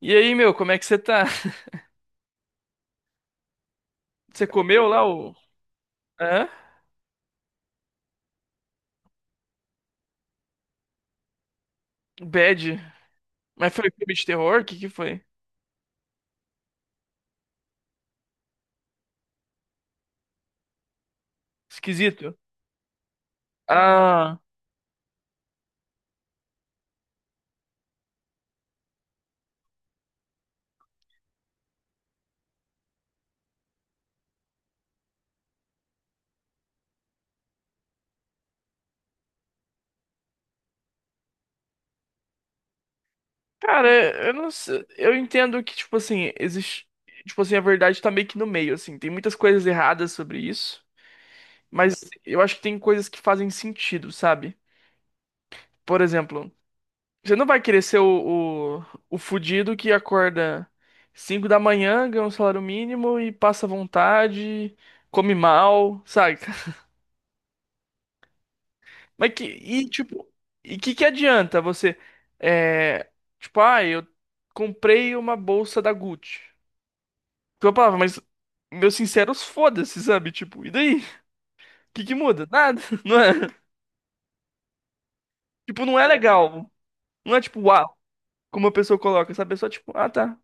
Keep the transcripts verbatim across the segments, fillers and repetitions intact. E aí, meu, como é que você tá? Você comeu lá o. Hã? O Bad. Mas foi filme de terror? O que que foi? Esquisito. Ah. Cara, é- eu não sei. Eu entendo que, tipo assim, existe. Tipo assim, a verdade tá meio que no meio, assim. Tem muitas coisas erradas sobre isso. Mas eu acho que tem coisas que fazem sentido, sabe? Por exemplo, você não vai querer ser o, o, o fudido que acorda cinco da manhã, ganha um salário mínimo e passa vontade, come mal, sabe? Mas que, e tipo, e que que adianta você, é, tipo, ah, eu comprei uma bolsa da Gucci. Tipo, eu falava, mas meus sinceros foda-se, sabe? Tipo, e daí? Que que muda? Nada, não é? Tipo, não é legal. Não é tipo, uau, como a pessoa coloca, sabe? É só tipo, ah, tá.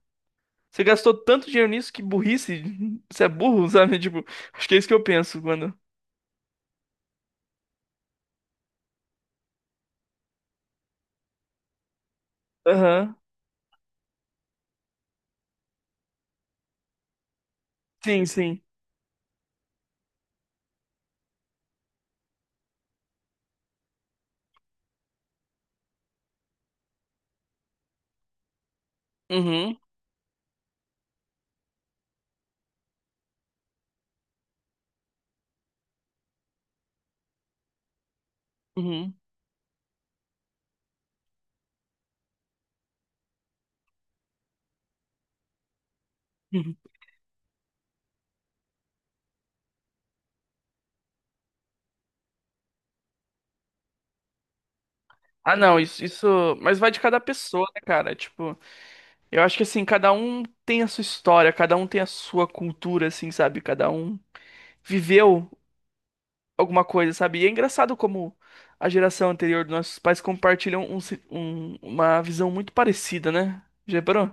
Você gastou tanto dinheiro nisso que burrice, você é burro, sabe? Tipo, acho que é isso que eu penso quando. Aham. Sim, sim. Uhum, uhum. Ah, não, isso, isso. Mas vai de cada pessoa, né, cara? Tipo. Eu acho que assim, cada um tem a sua história, cada um tem a sua cultura, assim, sabe? Cada um viveu alguma coisa, sabe? E é engraçado como a geração anterior dos nossos pais compartilham um se- um- uma visão muito parecida, né? Já reparou?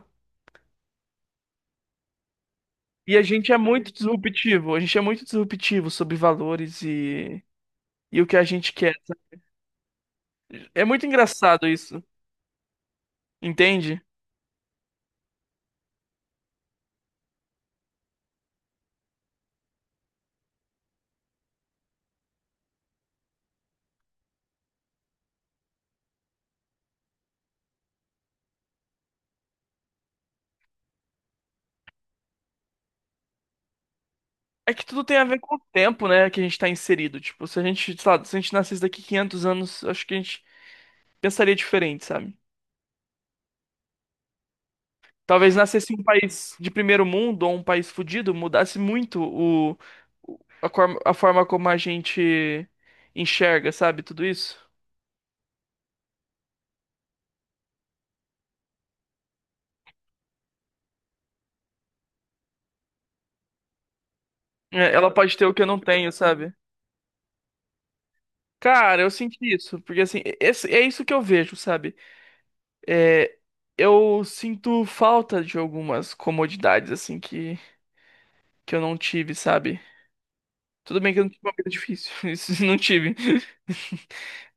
E a gente é muito disruptivo, a gente é muito disruptivo sobre valores e, e o que a gente quer. É muito engraçado isso, entende? É que tudo tem a ver com o tempo, né, que a gente tá inserido. Tipo, se a gente, sei lá, se a gente nascesse daqui quinhentos anos, acho que a gente pensaria diferente, sabe? Talvez nascesse um país de primeiro mundo ou um país fudido, mudasse muito o, o- a, cor- a forma como a gente enxerga, sabe, tudo isso. É, ela pode ter o que eu não tenho, sabe? Cara, eu senti isso, porque assim, esse- é isso que eu vejo, sabe? É, eu sinto falta de algumas comodidades, assim, que, que eu não tive, sabe? Tudo bem que eu não tive uma vida difícil, isso não tive,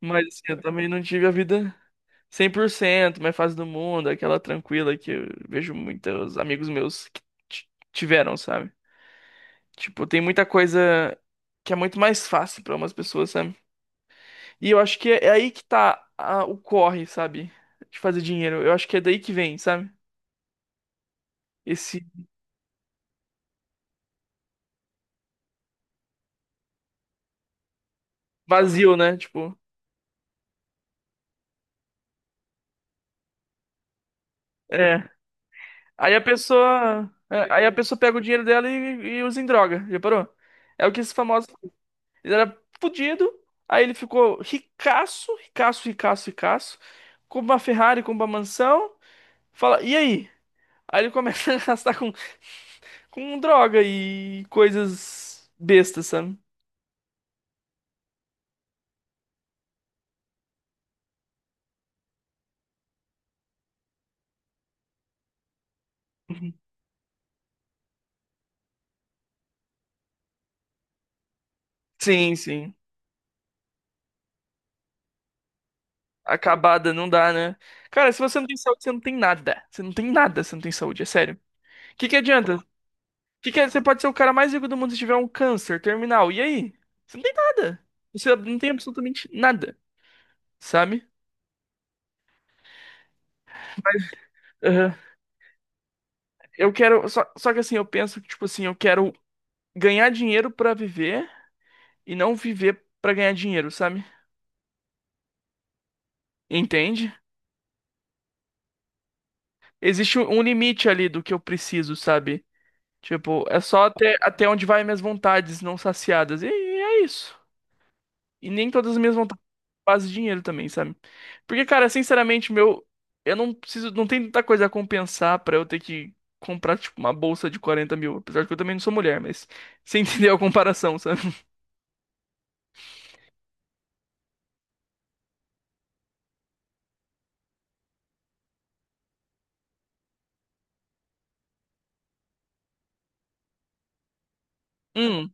mas assim, eu também não tive a vida cem por cento mais fácil do mundo, aquela tranquila que eu vejo muitos amigos meus que ti- tiveram, sabe? Tipo, tem muita coisa que é muito mais fácil pra umas pessoas, sabe? E eu acho que é é aí que tá a- o corre, sabe? De fazer dinheiro. Eu acho que é daí que vem, sabe? Esse vazio, né? Tipo, é. Aí a pessoa, é, aí a pessoa pega o dinheiro dela e, e usa em droga, já parou? É o que esses famosos. Ele era fudido, aí ele ficou ricaço, ricaço, ricaço, ricaço. Compra uma Ferrari, compra uma mansão. Fala, e aí? Aí ele começa a gastar com, com droga e coisas bestas, sabe? Uhum. Sim, sim. Acabada, não dá, né? Cara, se você não tem saúde, você não tem nada. Você não tem nada, você não tem saúde, é sério. O que que adianta? Que que é- Você pode ser o cara mais rico do mundo se tiver um câncer terminal. E aí? Você não tem nada. Você não tem absolutamente nada, sabe? Eu quero. Só, só que assim, eu penso que, tipo assim, eu quero ganhar dinheiro pra viver e não viver pra ganhar dinheiro, sabe? Entende? Existe um um limite ali do que eu preciso, sabe? Tipo, é só até, até onde vai minhas vontades não saciadas. E, e é isso. E nem todas as minhas vontades fazem dinheiro também, sabe? Porque, cara, sinceramente, meu. Eu não preciso. Não tem tanta coisa a compensar pra eu ter que comprar, tipo, uma bolsa de quarenta mil. Apesar de que eu também não sou mulher, mas. Você entendeu a comparação, sabe? Hum.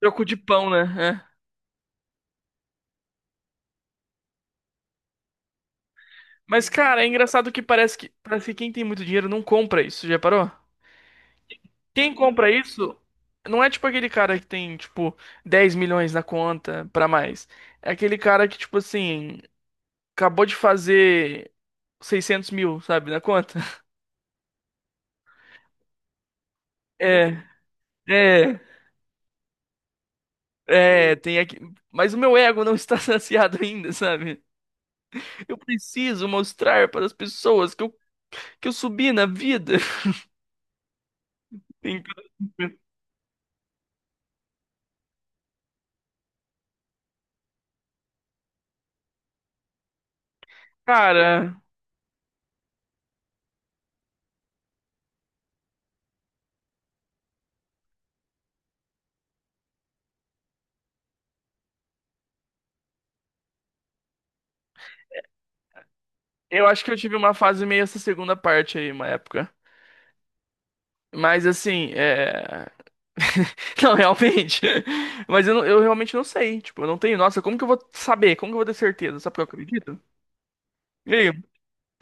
Troco de pão, né? É. Mas, cara, é engraçado que parece que parece que quem tem muito dinheiro não compra isso, já parou? Quem compra isso não é tipo aquele cara que tem, tipo, dez milhões na conta pra mais. É aquele cara que, tipo assim, acabou de fazer seiscentos mil, sabe, na conta. É, é, É, tem aqui. Mas o meu ego não está saciado ainda, sabe? Eu preciso mostrar para as pessoas que eu, que eu subi na vida. Então, cara, eu acho que eu tive uma fase meio essa segunda parte aí, uma época. Mas assim, é. Não, realmente. Mas eu, não- eu realmente não sei. Tipo, eu não tenho. Nossa, como que eu vou saber? Como que eu vou ter certeza? Sabe o que eu acredito? E aí,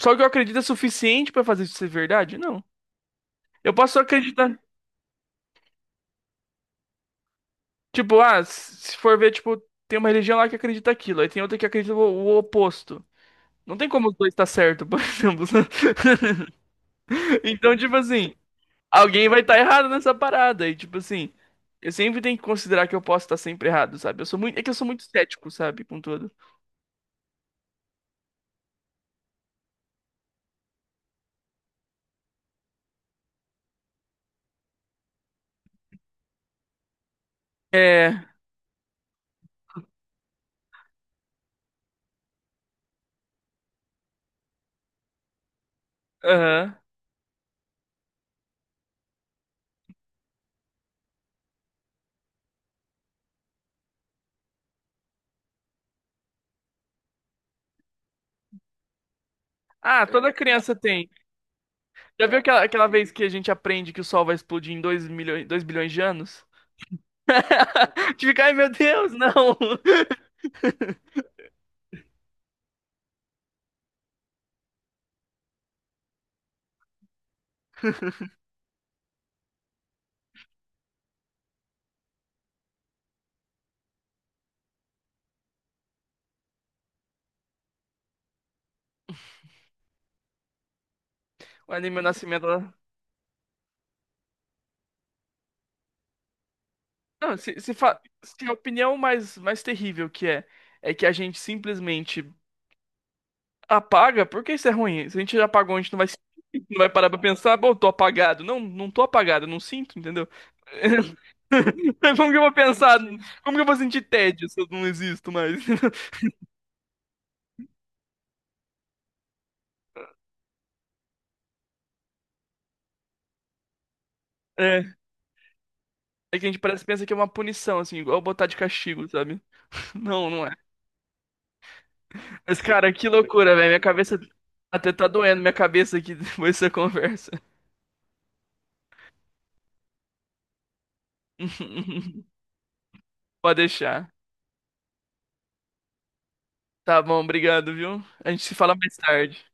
só que eu acredito é suficiente pra fazer isso ser verdade? Não. Eu posso só acreditar. Tipo, ah, s- se for ver, tipo, tem uma religião lá que acredita aquilo, aí tem outra que acredita o, o oposto. Não tem como os dois estar certo, por exemplo. Então, tipo assim, alguém vai estar errado nessa parada. E, tipo assim, eu sempre tenho que considerar que eu posso estar sempre errado, sabe? Eu sou muito, é que eu sou muito cético, sabe? Com tudo. É, aham. Ah, toda criança tem. Já viu aquela, aquela vez que a gente aprende que o Sol vai explodir em dois milhões, dois bilhões de anos? Te fica, ai meu Deus, não! Ali meu nascimento. Ela- Não, se, se, fa... se a opinião mais, mais terrível que é, é que a gente simplesmente apaga? Por que isso é ruim? Se a gente já apagou, a gente não vai, se- não vai parar pra pensar, pô, eu tô apagado. Não, não tô apagado, eu não sinto, entendeu? Como que eu vou pensar? Como que eu vou sentir tédio se eu não existo mais? É, é que a gente parece pensa que é uma punição, assim, igual botar de castigo, sabe? Não, não é. Mas, cara, que loucura, velho. Minha cabeça até tá doendo, minha cabeça aqui depois dessa conversa. Pode deixar. Tá bom, obrigado, viu? A gente se fala mais tarde.